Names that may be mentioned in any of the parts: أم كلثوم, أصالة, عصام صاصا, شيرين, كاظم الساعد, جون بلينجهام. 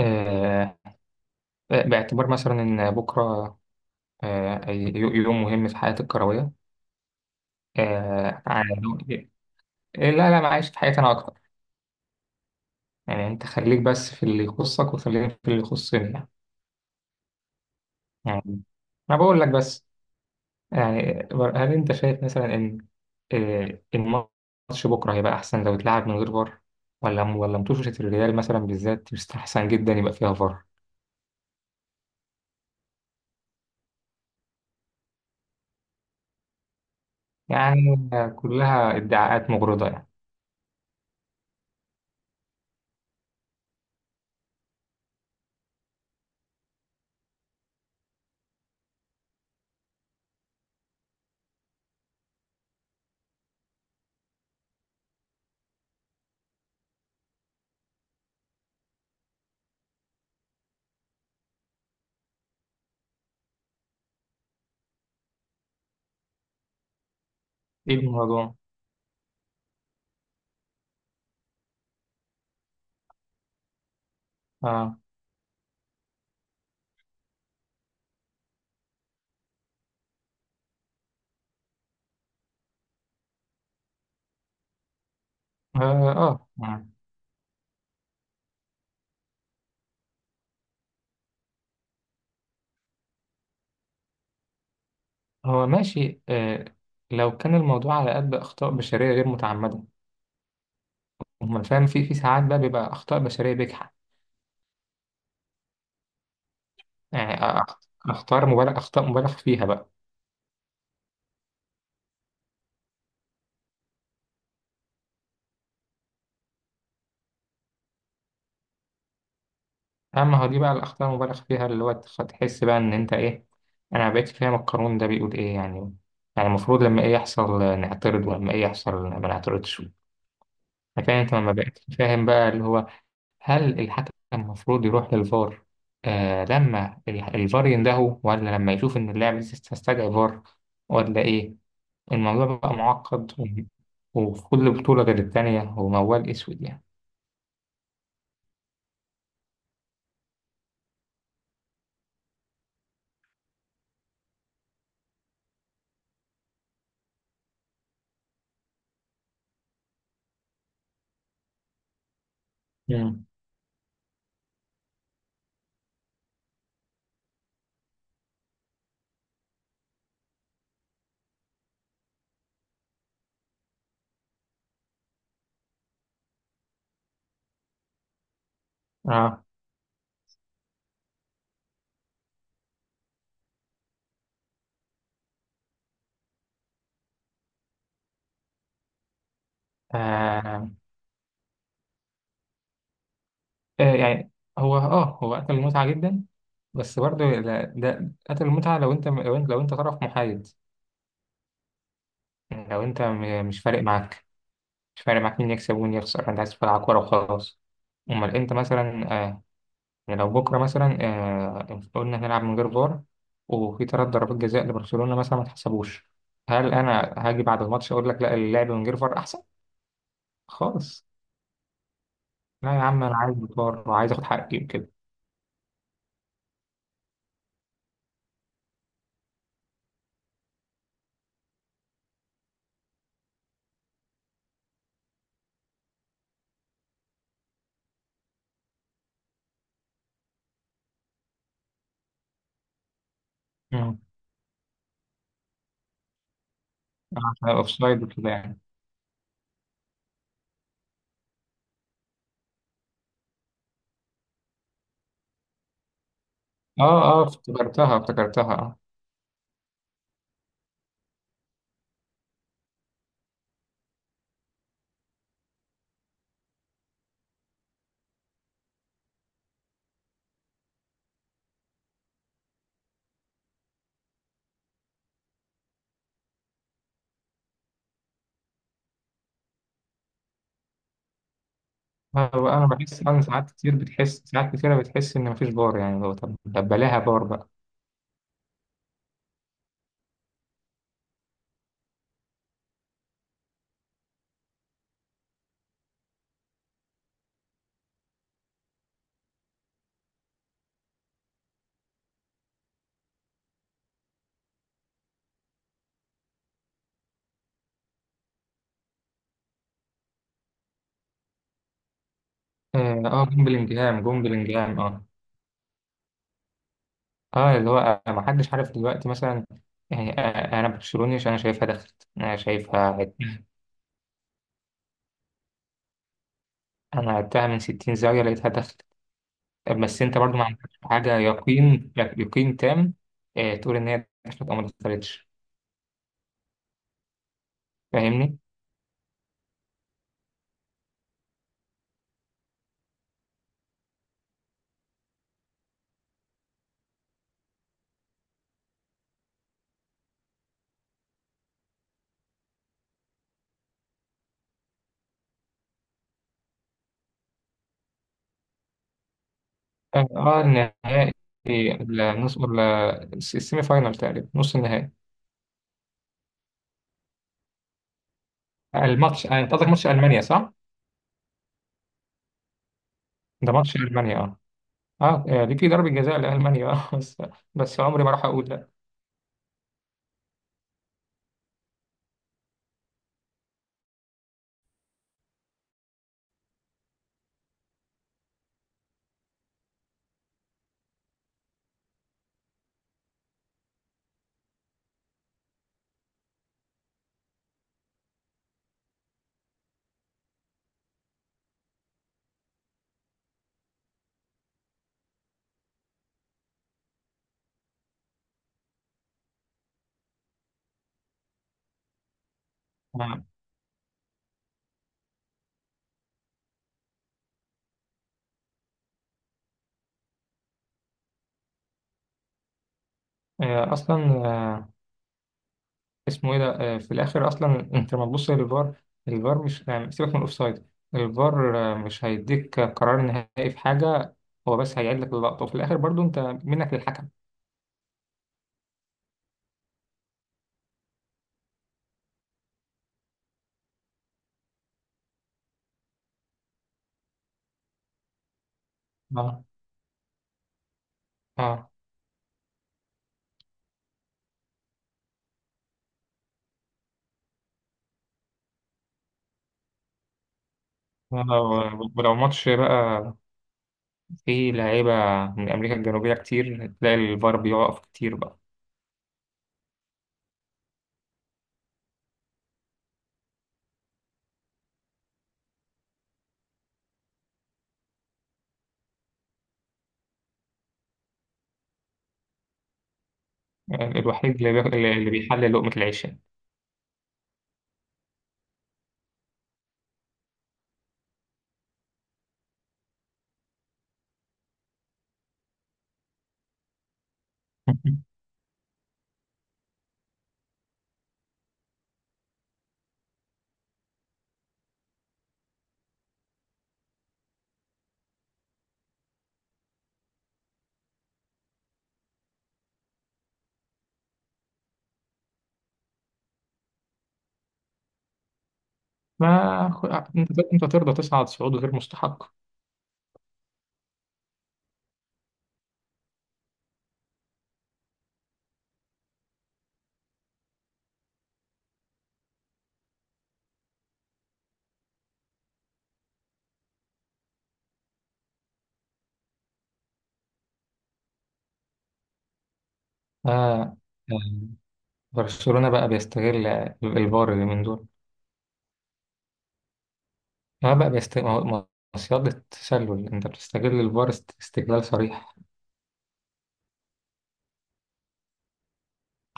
آه، باعتبار مثلا إن بكرة يوم مهم في حياتي الكروية. آه، عن- لا لا، أنا عايش في حياتي أنا أكتر. يعني أنت خليك بس في اللي يخصك وخليني في اللي يخصني يعني. يعني أنا بقول لك بس. يعني هل أنت شايف مثلا إن الماتش بكرة هيبقى أحسن لو اتلعب من غير فار، ولا متوشة الريال مثلا بالذات يستحسن جدا يبقى فيها فار؟ يعني كلها ادعاءات مغرضة يعني. إيه الموضوع؟ آه، آه، آه, آه. هو ماشي آه، لو كان الموضوع على قد أخطاء بشرية غير متعمدة. أما فاهم، في ساعات بقى بيبقى أخطاء بشرية بجحة. يعني أخ- أخطاء مبالغ، أخطاء مبالغ فيها بقى. أما هو دي بقى الأخطاء المبالغ فيها اللي هو تحس بقى إن أنت إيه. أنا ما بقتش فاهم القانون ده بيقول إيه يعني. يعني المفروض لما إيه يحصل نعترض، ولما إيه يحصل ما نعترضش؟ فاهم، أنت ما بقتش فاهم بقى اللي هو، هل الحكم المفروض يروح للفار آه لما الفار يندهه، ولا لما يشوف إن اللاعب لسه استدعى فار، ولا إيه؟ الموضوع بقى معقد و- وفي كل بطولة غير التانية، هو موال أسود يعني. مم. آه. آه. آه يعني، هو آه هو قتل المتعة جدا. بس برضه ده قتل المتعة لو أنت طرف محايد. يعني لو أنت مش فارق معاك، مش فارق معاك مين يكسب ومين يخسر، أنت عايز تلعب كورة وخلاص. امال انت مثلا يعني لو بكرة مثلا قلنا هنلعب من غير فار، وفي تلات ضربات جزاء لبرشلونة مثلا ما اتحسبوش، هل أنا هاجي بعد الماتش أقول لك لا، اللعب من غير فار أحسن؟ خالص. لا يا عم، أنا عايز فار وعايز آخد حقي وكده. مم. عشان أوفسايد وكده يعني. آه آه، افتكرتها افتكرتها. آه، أنا بحس، أنا ساعات كتير بتحس، ساعات كتيرة بتحس إن مفيش فار يعني. لو طب بلاها فار بقى. آه جون بلينجهام، جون بلينجهام آه. اه اللي هو ما حدش عارف دلوقتي مثلا. يعني انا برشلوني عشان انا شايفها دخلت، انا شايفها عدت. انا عدتها من 60 زاويه لقيتها دخلت. بس انت برضو ما عندكش حاجه يقين، يقين تام تقول ان هي دخلت او ما دخلتش. فاهمني. اه النهائي، النص ولا السيمي فاينال، تقريبا نص النهائي. الماتش انت قصدك ماتش المانيا صح؟ ده ماتش المانيا اه. اه دي في ضربه جزاء لالمانيا اه، بس بس عمري ما راح اقول لا. آه، اصلا اسمه ايه ده، في الاخر اصلا انت لما تبص للفار، الفار مش يعني سيبك من الاوفسايد، الفار مش هيديك قرار نهائي في حاجه، هو بس هيعيد لك اللقطه، وفي الاخر برضو انت منك للحكم. اه. اه. ولو ماتش بقى فيه لعيبه من امريكا الجنوبيه كتير، تلاقي الفار بيقف كتير بقى. الوحيد اللي اللي بيحلل لقمه العيش يعني. ما خ- آه، انت انت ترضى تصعد صعود غير مستحق؟ آه آه، برشلونه بقى بيستغل الفار اللي من دول. اه بقى بيست... ما هو- ما هو صياغة، تسلل، انت بتستغل الفار استغلال صريح.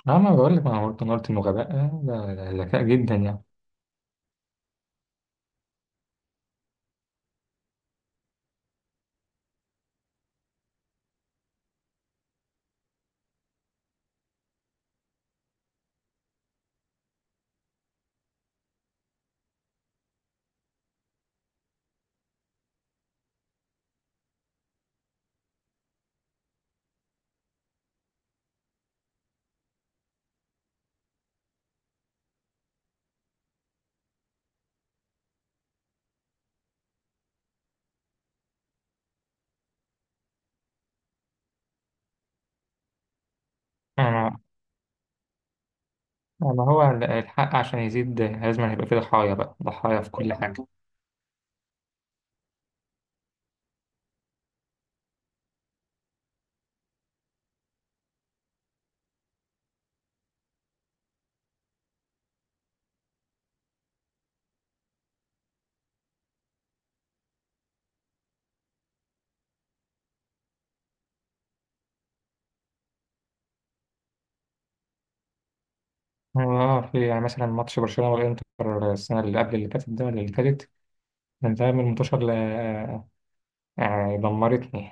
اه ما بقول لك، ما هو قلت، أنا قلت انه غباء، ده ده ذكاء جدا يعني. انا، ما هو الحق عشان يزيد لازم هيبقى فيه ضحايا بقى، ضحايا في كل حاجة. اه في يعني مثلا ماتش برشلونة والانتر، السنة اللي قبل اللي فاتت ده ولا اللي فاتت، كان ده من المنتشر اللي يعني دمرتني.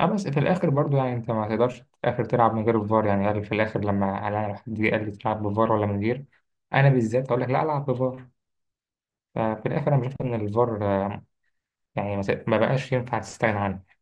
اه بس في الاخر برضو يعني انت ما تقدرش في الاخر تلعب من غير الفار يعني. قال في الاخر، لما انا حد جه قال لي تلعب بفار ولا من غير، انا بالذات اقول لك لا، العب بفار. ففي الآخر أنا بشوف إن الفار يعني ما بقاش ينفع تستغنى عنه.